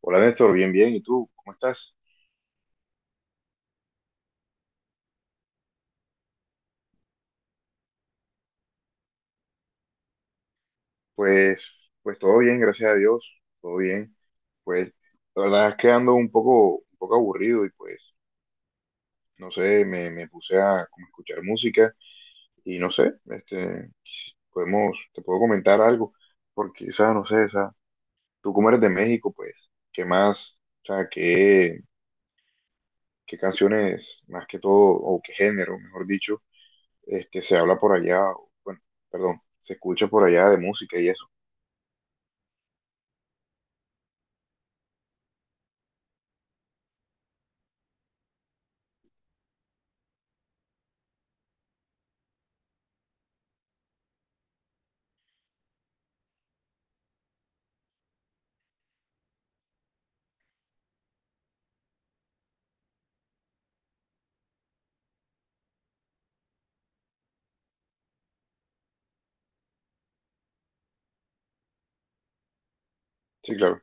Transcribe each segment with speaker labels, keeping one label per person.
Speaker 1: Hola Néstor, bien, bien. ¿Y tú? ¿Cómo estás? Pues, pues todo bien, gracias a Dios, todo bien. Pues la verdad es que ando un poco aburrido y pues, no sé, me puse a como escuchar música y no sé, este, podemos, te puedo comentar algo, porque, o sea, no sé, o sea, tú como eres de México, pues, ¿qué más, o sea, qué, qué canciones, más que todo, o qué género, mejor dicho, este, se habla por allá, o, bueno, perdón, se escucha por allá de música y eso? Sí, claro.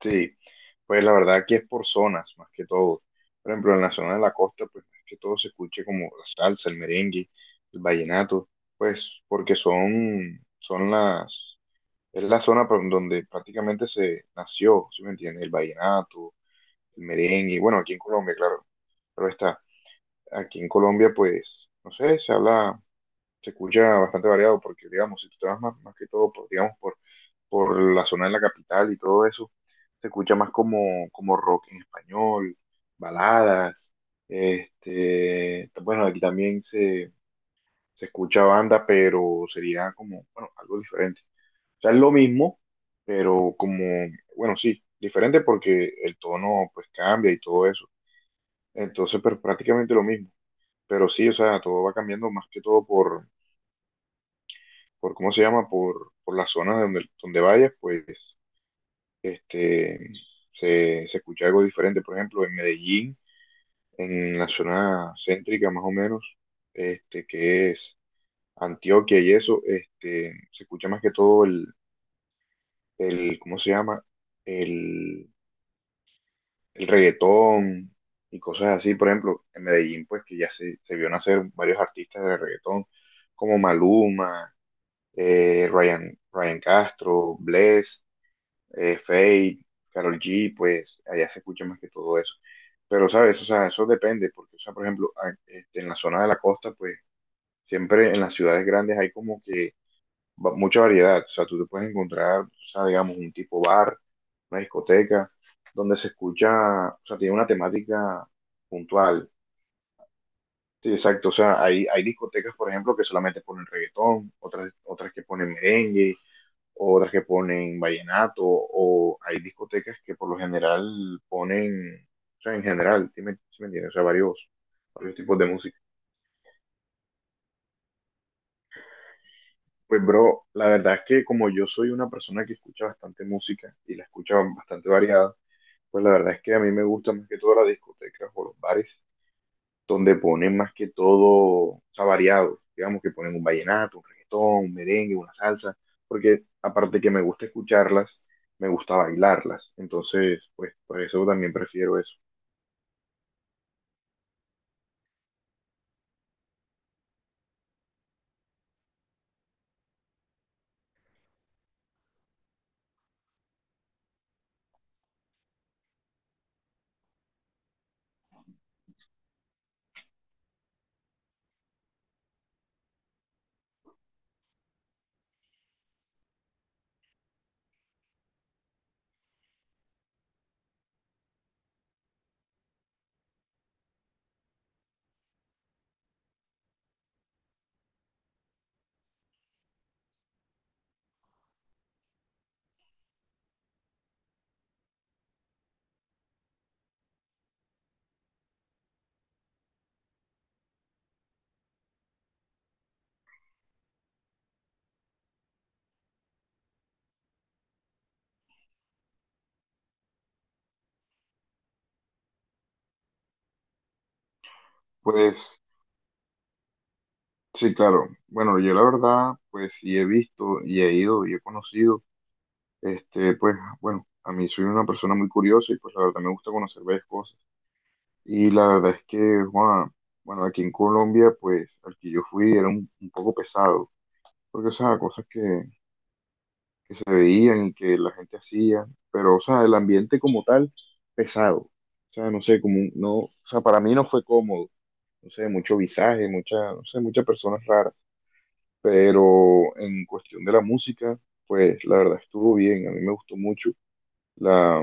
Speaker 1: Sí, pues la verdad que es por zonas, más que todo. Por ejemplo, en la zona de la costa, pues más que todo se escuche como la salsa, el merengue, el vallenato, pues porque son, son las, es la zona por donde prácticamente se nació, ¿sí me entiendes? El vallenato, el merengue, bueno, aquí en Colombia, claro, pero está, aquí en Colombia, pues, no sé, se habla se escucha bastante variado porque, digamos, si tú te vas más, más que todo, digamos, por la zona de la capital y todo eso, se escucha más como, como rock en español, baladas, este, bueno, aquí también se escucha banda, pero sería como, bueno, algo diferente. O sea, es lo mismo, pero como, bueno, sí, diferente porque el tono pues cambia y todo eso. Entonces, pero prácticamente lo mismo. Pero sí, o sea, todo va cambiando más que todo por ¿cómo se llama? Por las zonas donde, donde vayas, pues este, se escucha algo diferente. Por ejemplo, en Medellín, en la zona céntrica más o menos, este, que es Antioquia y eso, este, se escucha más que todo el ¿cómo se llama? El, el reggaetón y cosas así. Por ejemplo, en Medellín, pues que ya se vio nacer varios artistas de reggaetón, como Maluma, Ryan, Ryan Castro, Bless Fate, Carol G, pues allá se escucha más que todo eso. Pero, ¿sabes? O sea, eso depende, porque, o sea, por ejemplo, este, en la zona de la costa, pues siempre en las ciudades grandes hay como que mucha variedad. O sea, tú te puedes encontrar, o sea, digamos, un tipo bar, una discoteca, donde se escucha, o sea, tiene una temática puntual. Sí, exacto. O sea, hay discotecas, por ejemplo, que solamente ponen reggaetón, otras, otras que ponen merengue, o otras que ponen vallenato, o hay discotecas que por lo general ponen, o sea, en general, sí me entiendes? O sea, varios, varios tipos de música. Pues, bro, la verdad es que como yo soy una persona que escucha bastante música y la escucha bastante variada, pues la verdad es que a mí me gusta más que todo las discotecas o los bares donde ponen más que todo, o sea, variado, digamos que ponen un vallenato, un reggaetón, un merengue, una salsa, porque aparte que me gusta escucharlas, me gusta bailarlas, entonces, pues, por eso también prefiero eso. Pues, sí, claro, bueno, yo la verdad, pues, sí he visto y he ido y he conocido, este, pues, bueno, a mí soy una persona muy curiosa y pues la verdad me gusta conocer varias cosas. Y la verdad es que, Juan, bueno, aquí en Colombia, pues, al que yo fui era un poco pesado, porque, o sea, cosas que se veían y que la gente hacía, pero, o sea, el ambiente como tal, pesado, o sea, no sé, como, no, o sea, para mí no fue cómodo, no sé, mucho visaje, mucha, no sé, muchas personas raras, pero en cuestión de la música, pues, la verdad estuvo bien, a mí me gustó mucho la,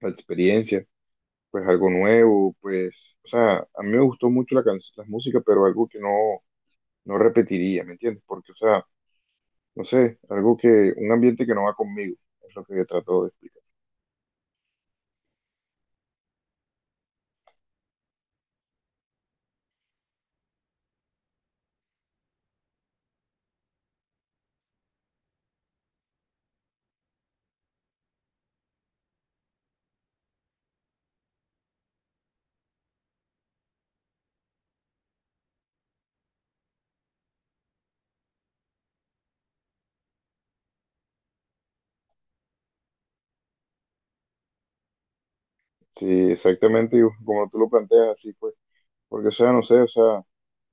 Speaker 1: la experiencia, pues, algo nuevo, pues, o sea, a mí me gustó mucho la, la música, pero algo que no, no repetiría, ¿me entiendes? Porque, o sea, no sé, algo que, un ambiente que no va conmigo, es lo que trato de explicar. Sí, exactamente, y como tú lo planteas, así pues, porque o sea, no sé, o sea,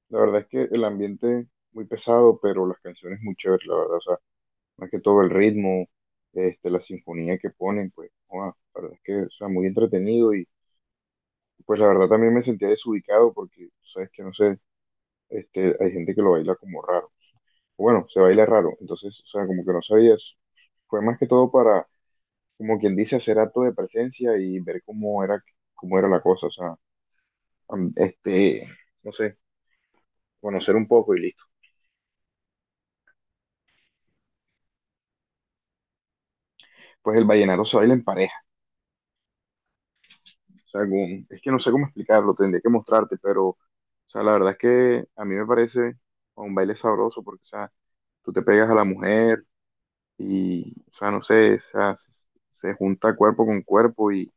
Speaker 1: la verdad es que el ambiente muy pesado, pero las canciones muy chéveres, la verdad, o sea, más que todo el ritmo, este, la sinfonía que ponen, pues, wow, la verdad es que, o sea, muy entretenido y pues la verdad también me sentía desubicado porque, sabes que, no sé, este, hay gente que lo baila como raro. Bueno, se baila raro, entonces, o sea, como que no sabías, fue más que todo para como quien dice, hacer acto de presencia y ver cómo era la cosa, o sea, este, no sé, conocer un poco y listo. Pues el vallenato se baila en pareja, o sea, es que no sé cómo explicarlo, tendría que mostrarte, pero, o sea, la verdad es que a mí me parece un baile sabroso porque, o sea, tú te pegas a la mujer y, o sea, no sé, o sea, se junta cuerpo con cuerpo y,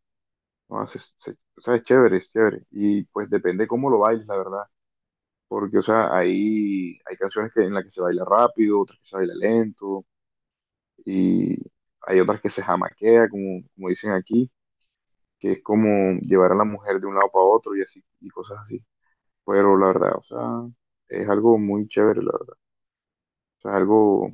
Speaker 1: no, o sea, es chévere, y pues depende cómo lo bailes, la verdad. Porque, o sea, hay canciones que, en las que se baila rápido, otras que se baila lento, y hay otras que se jamaquea, como, como dicen aquí, que es como llevar a la mujer de un lado para otro y así, y cosas así. Pero la verdad, o sea, es algo muy chévere, la verdad. O sea, es algo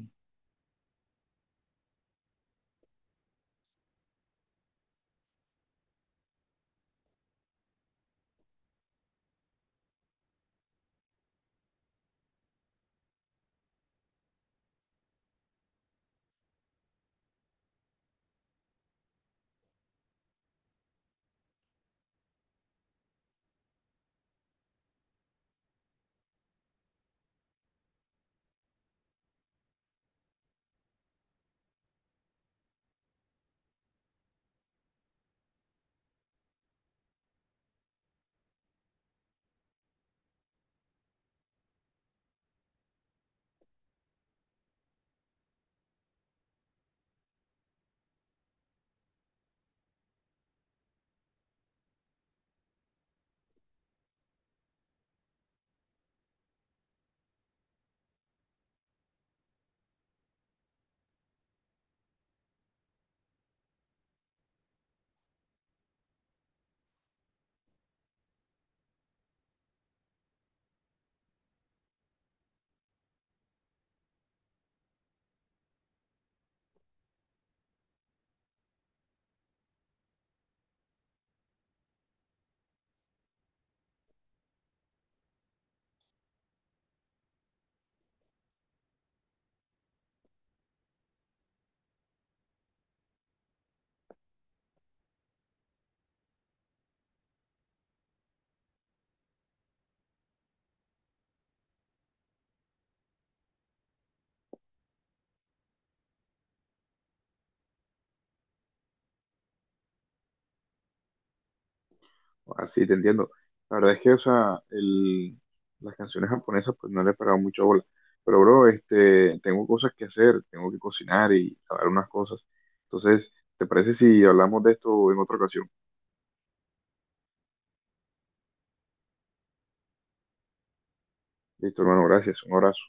Speaker 1: así, te entiendo. La verdad es que, o sea, el, las canciones japonesas, pues no le he pegado mucho bola. Pero, bro, este, tengo cosas que hacer, tengo que cocinar y lavar unas cosas. Entonces, ¿te parece si hablamos de esto en otra ocasión? Listo, hermano, gracias. Un abrazo.